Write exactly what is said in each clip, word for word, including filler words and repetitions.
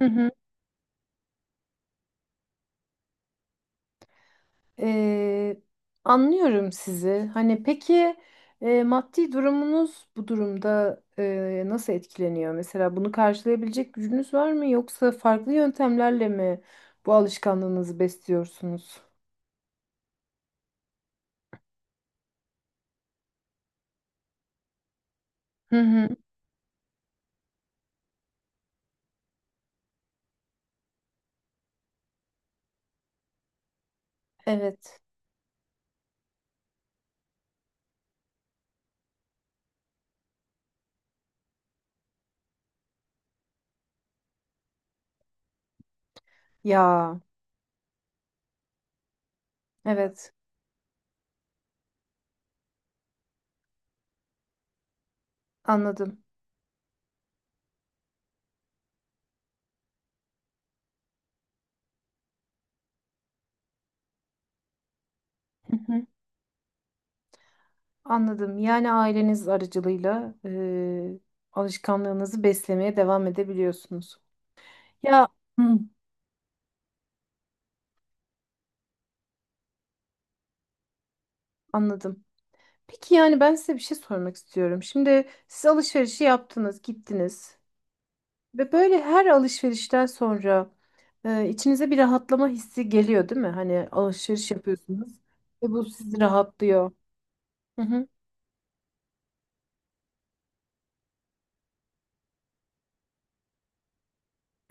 Hı hı. Ee, Anlıyorum sizi. Hani peki e, maddi durumunuz bu durumda e, nasıl etkileniyor? Mesela bunu karşılayabilecek gücünüz var mı? Yoksa farklı yöntemlerle mi bu alışkanlığınızı besliyorsunuz? Hı hı. Evet. Ya, evet, anladım. Hı hı. Anladım. Yani aileniz aracılığıyla e, alışkanlığınızı beslemeye devam edebiliyorsunuz. Ya hı. Anladım. Peki yani ben size bir şey sormak istiyorum. Şimdi siz alışverişi yaptınız, gittiniz ve böyle her alışverişten sonra e, içinize bir rahatlama hissi geliyor, değil mi? Hani alışveriş yapıyorsunuz ve bu sizi rahatlıyor. Hı hı.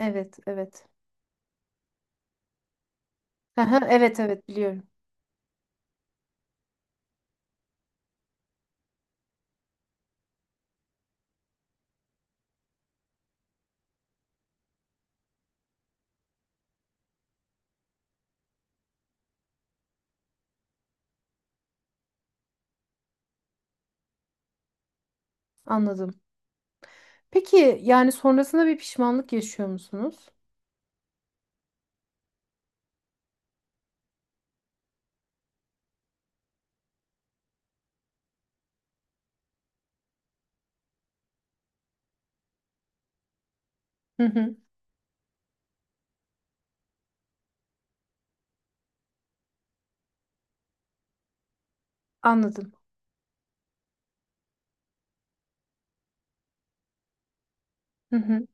Evet, evet. Aha, evet, evet biliyorum. Anladım. Peki yani sonrasında bir pişmanlık yaşıyor musunuz? Hı hı. Anladım. Hı hı.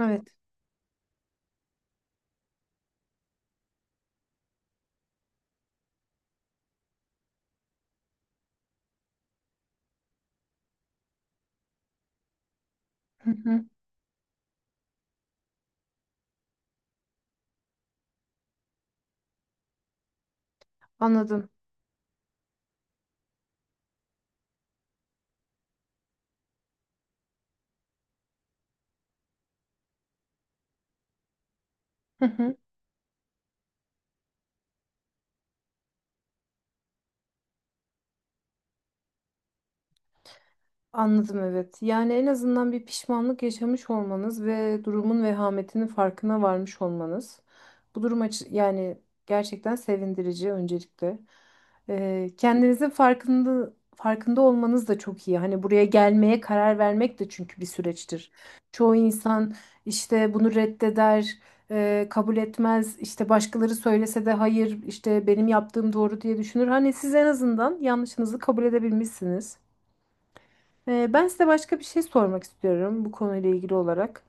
Evet. Hı hı. Anladım. Hı hı. Anladım evet. Yani en azından bir pişmanlık yaşamış olmanız ve durumun vehametinin farkına varmış olmanız. Bu durum açı- yani gerçekten sevindirici öncelikle. Ee, kendinizin farkında farkında olmanız da çok iyi. Hani buraya gelmeye karar vermek de çünkü bir süreçtir. Çoğu insan işte bunu reddeder, e, kabul etmez. İşte başkaları söylese de hayır, işte benim yaptığım doğru diye düşünür. Hani siz en azından yanlışınızı kabul edebilmişsiniz. Ee, ben size başka bir şey sormak istiyorum bu konuyla ilgili olarak.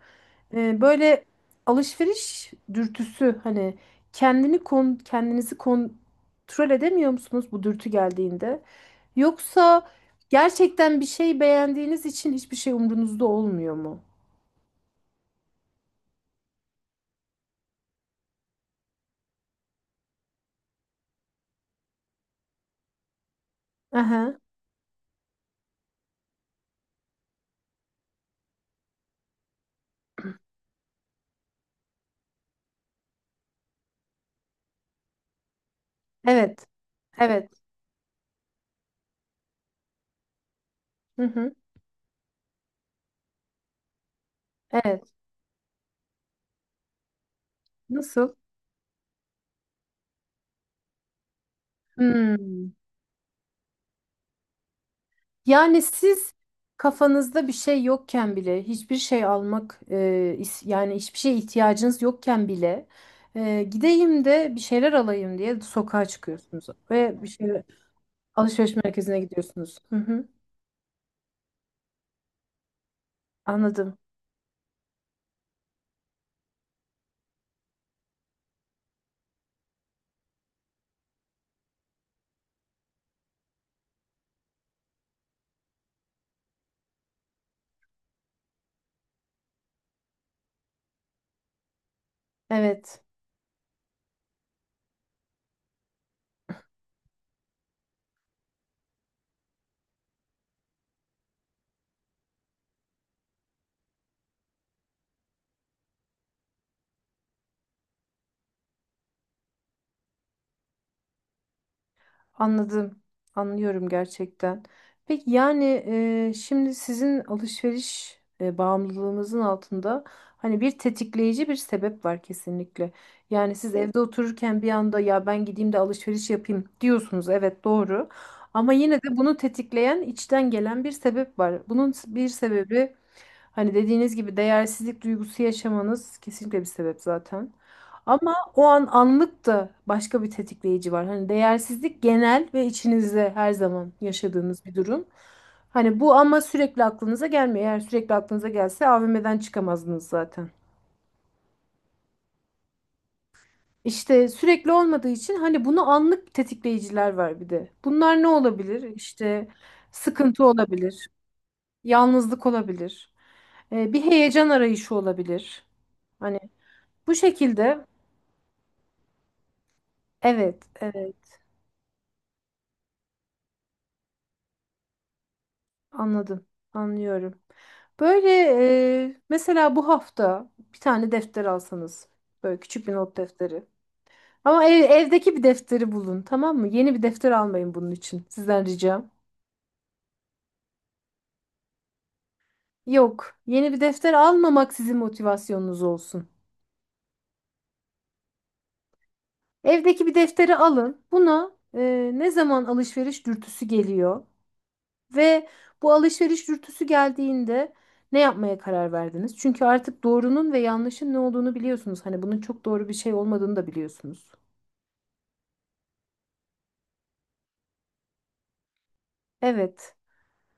Ee, böyle alışveriş dürtüsü hani kendini kon kendinizi kontrol edemiyor musunuz bu dürtü geldiğinde? Yoksa gerçekten bir şey beğendiğiniz için hiçbir şey umrunuzda olmuyor mu? Aha, evet, evet. Hı hı, evet. Nasıl? Hmm. Yani siz kafanızda bir şey yokken bile hiçbir şey almak, e, is- yani hiçbir şeye ihtiyacınız yokken bile e, gideyim de bir şeyler alayım diye sokağa çıkıyorsunuz ve bir şeyler alışveriş merkezine gidiyorsunuz. Hı hı, anladım. Evet. Anladım. Anlıyorum gerçekten. Peki yani e, şimdi sizin alışveriş e, bağımlılığınızın altında hani bir tetikleyici bir sebep var kesinlikle. Yani siz evde otururken bir anda ya ben gideyim de alışveriş yapayım diyorsunuz. Evet doğru. Ama yine de bunu tetikleyen içten gelen bir sebep var. Bunun bir sebebi hani dediğiniz gibi değersizlik duygusu yaşamanız kesinlikle bir sebep zaten. Ama o an anlık da başka bir tetikleyici var. Hani değersizlik genel ve içinizde her zaman yaşadığınız bir durum. Hani bu ama sürekli aklınıza gelmiyor. Eğer sürekli aklınıza gelse A V M'den çıkamazdınız zaten. İşte sürekli olmadığı için hani bunu anlık tetikleyiciler var bir de. Bunlar ne olabilir? İşte sıkıntı olabilir, yalnızlık olabilir, e, bir heyecan arayışı olabilir. Hani bu şekilde evet, evet. Anladım, anlıyorum. Böyle, e, mesela bu hafta bir tane defter alsanız, böyle küçük bir not defteri. Ama ev- evdeki bir defteri bulun, tamam mı? Yeni bir defter almayın bunun için, sizden ricam. Yok, yeni bir defter almamak sizin motivasyonunuz olsun. Evdeki bir defteri alın. Buna, e, ne zaman alışveriş dürtüsü geliyor? Ve bu alışveriş dürtüsü geldiğinde ne yapmaya karar verdiniz? Çünkü artık doğrunun ve yanlışın ne olduğunu biliyorsunuz. Hani bunun çok doğru bir şey olmadığını da biliyorsunuz. Evet.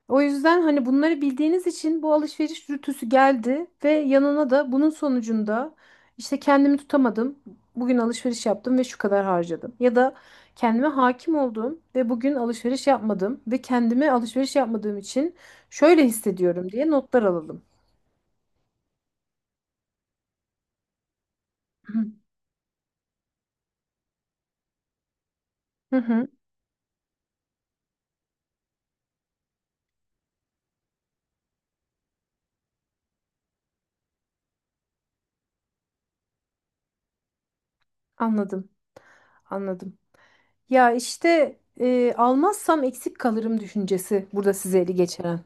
O yüzden hani bunları bildiğiniz için bu alışveriş dürtüsü geldi ve yanına da bunun sonucunda işte kendimi tutamadım. Bugün alışveriş yaptım ve şu kadar harcadım. Ya da kendime hakim oldum ve bugün alışveriş yapmadım ve kendime alışveriş yapmadığım için şöyle hissediyorum diye notlar alalım. Hı hı, hı, anladım. Anladım. Ya işte, e, almazsam eksik kalırım düşüncesi burada sizi ele geçiren.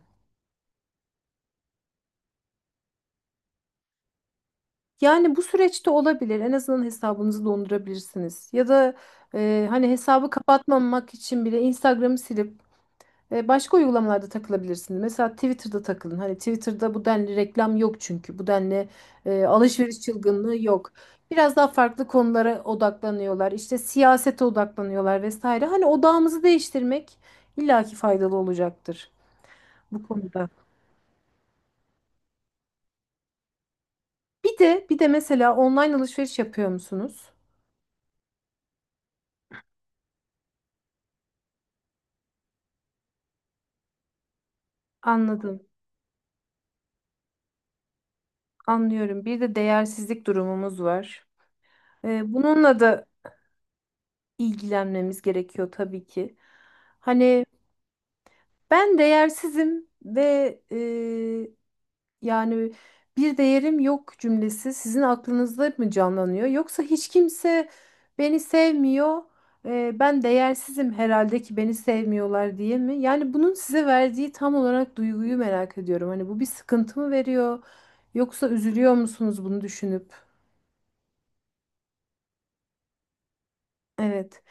Yani bu süreçte olabilir. En azından hesabınızı dondurabilirsiniz. Ya da e, hani hesabı kapatmamak için bile Instagram'ı silip e, başka uygulamalarda takılabilirsiniz. Mesela Twitter'da takılın. Hani Twitter'da bu denli reklam yok çünkü. Bu denli e, alışveriş çılgınlığı yok. Biraz daha farklı konulara odaklanıyorlar. İşte siyasete odaklanıyorlar vesaire. Hani odağımızı değiştirmek illaki faydalı olacaktır bu konuda. Bir de bir de mesela online alışveriş yapıyor musunuz? Anladım. Anlıyorum. Bir de değersizlik durumumuz var. Ee, bununla da ilgilenmemiz gerekiyor tabii ki. Hani ben değersizim ve, eee, yani bir değerim yok cümlesi sizin aklınızda mı canlanıyor? Yoksa hiç kimse beni sevmiyor, eee, ben değersizim herhalde ki beni sevmiyorlar diye mi? Yani bunun size verdiği tam olarak duyguyu merak ediyorum. Hani bu bir sıkıntı mı veriyor? Yoksa üzülüyor musunuz bunu düşünüp? Evet.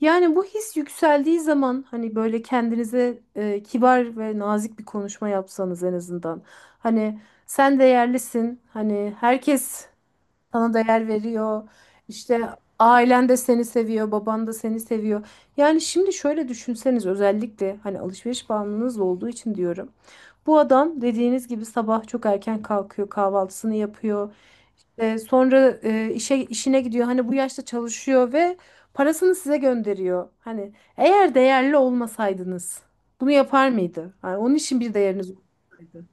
Yani bu his yükseldiği zaman hani böyle kendinize e, kibar ve nazik bir konuşma yapsanız en azından. Hani sen değerlisin. Hani herkes sana değer veriyor. İşte ailen de seni seviyor, baban da seni seviyor. Yani şimdi şöyle düşünseniz, özellikle hani alışveriş bağımlılığınız olduğu için diyorum. Bu adam dediğiniz gibi sabah çok erken kalkıyor, kahvaltısını yapıyor. E, sonra e, işe işine gidiyor. Hani bu yaşta çalışıyor ve parasını size gönderiyor. Hani eğer değerli olmasaydınız bunu yapar mıydı? Yani onun için bir değeriniz olsaydı.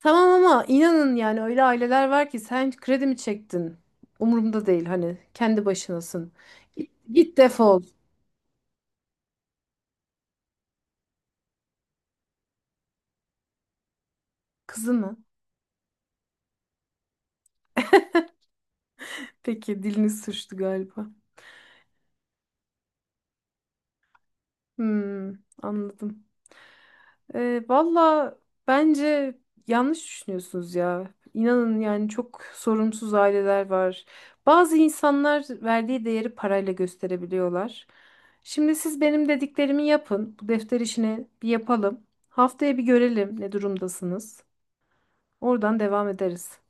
Tamam ama inanın yani öyle aileler var ki sen kredi mi çektin? Umurumda değil hani kendi başınasın. Git, git defol. Kızı mı? Peki dilini sürçtü galiba. Hmm, anladım. Ee, valla bence yanlış düşünüyorsunuz ya. İnanın yani çok sorumsuz aileler var. Bazı insanlar verdiği değeri parayla gösterebiliyorlar. Şimdi siz benim dediklerimi yapın. Bu defter işini bir yapalım. Haftaya bir görelim ne durumdasınız. Oradan devam ederiz.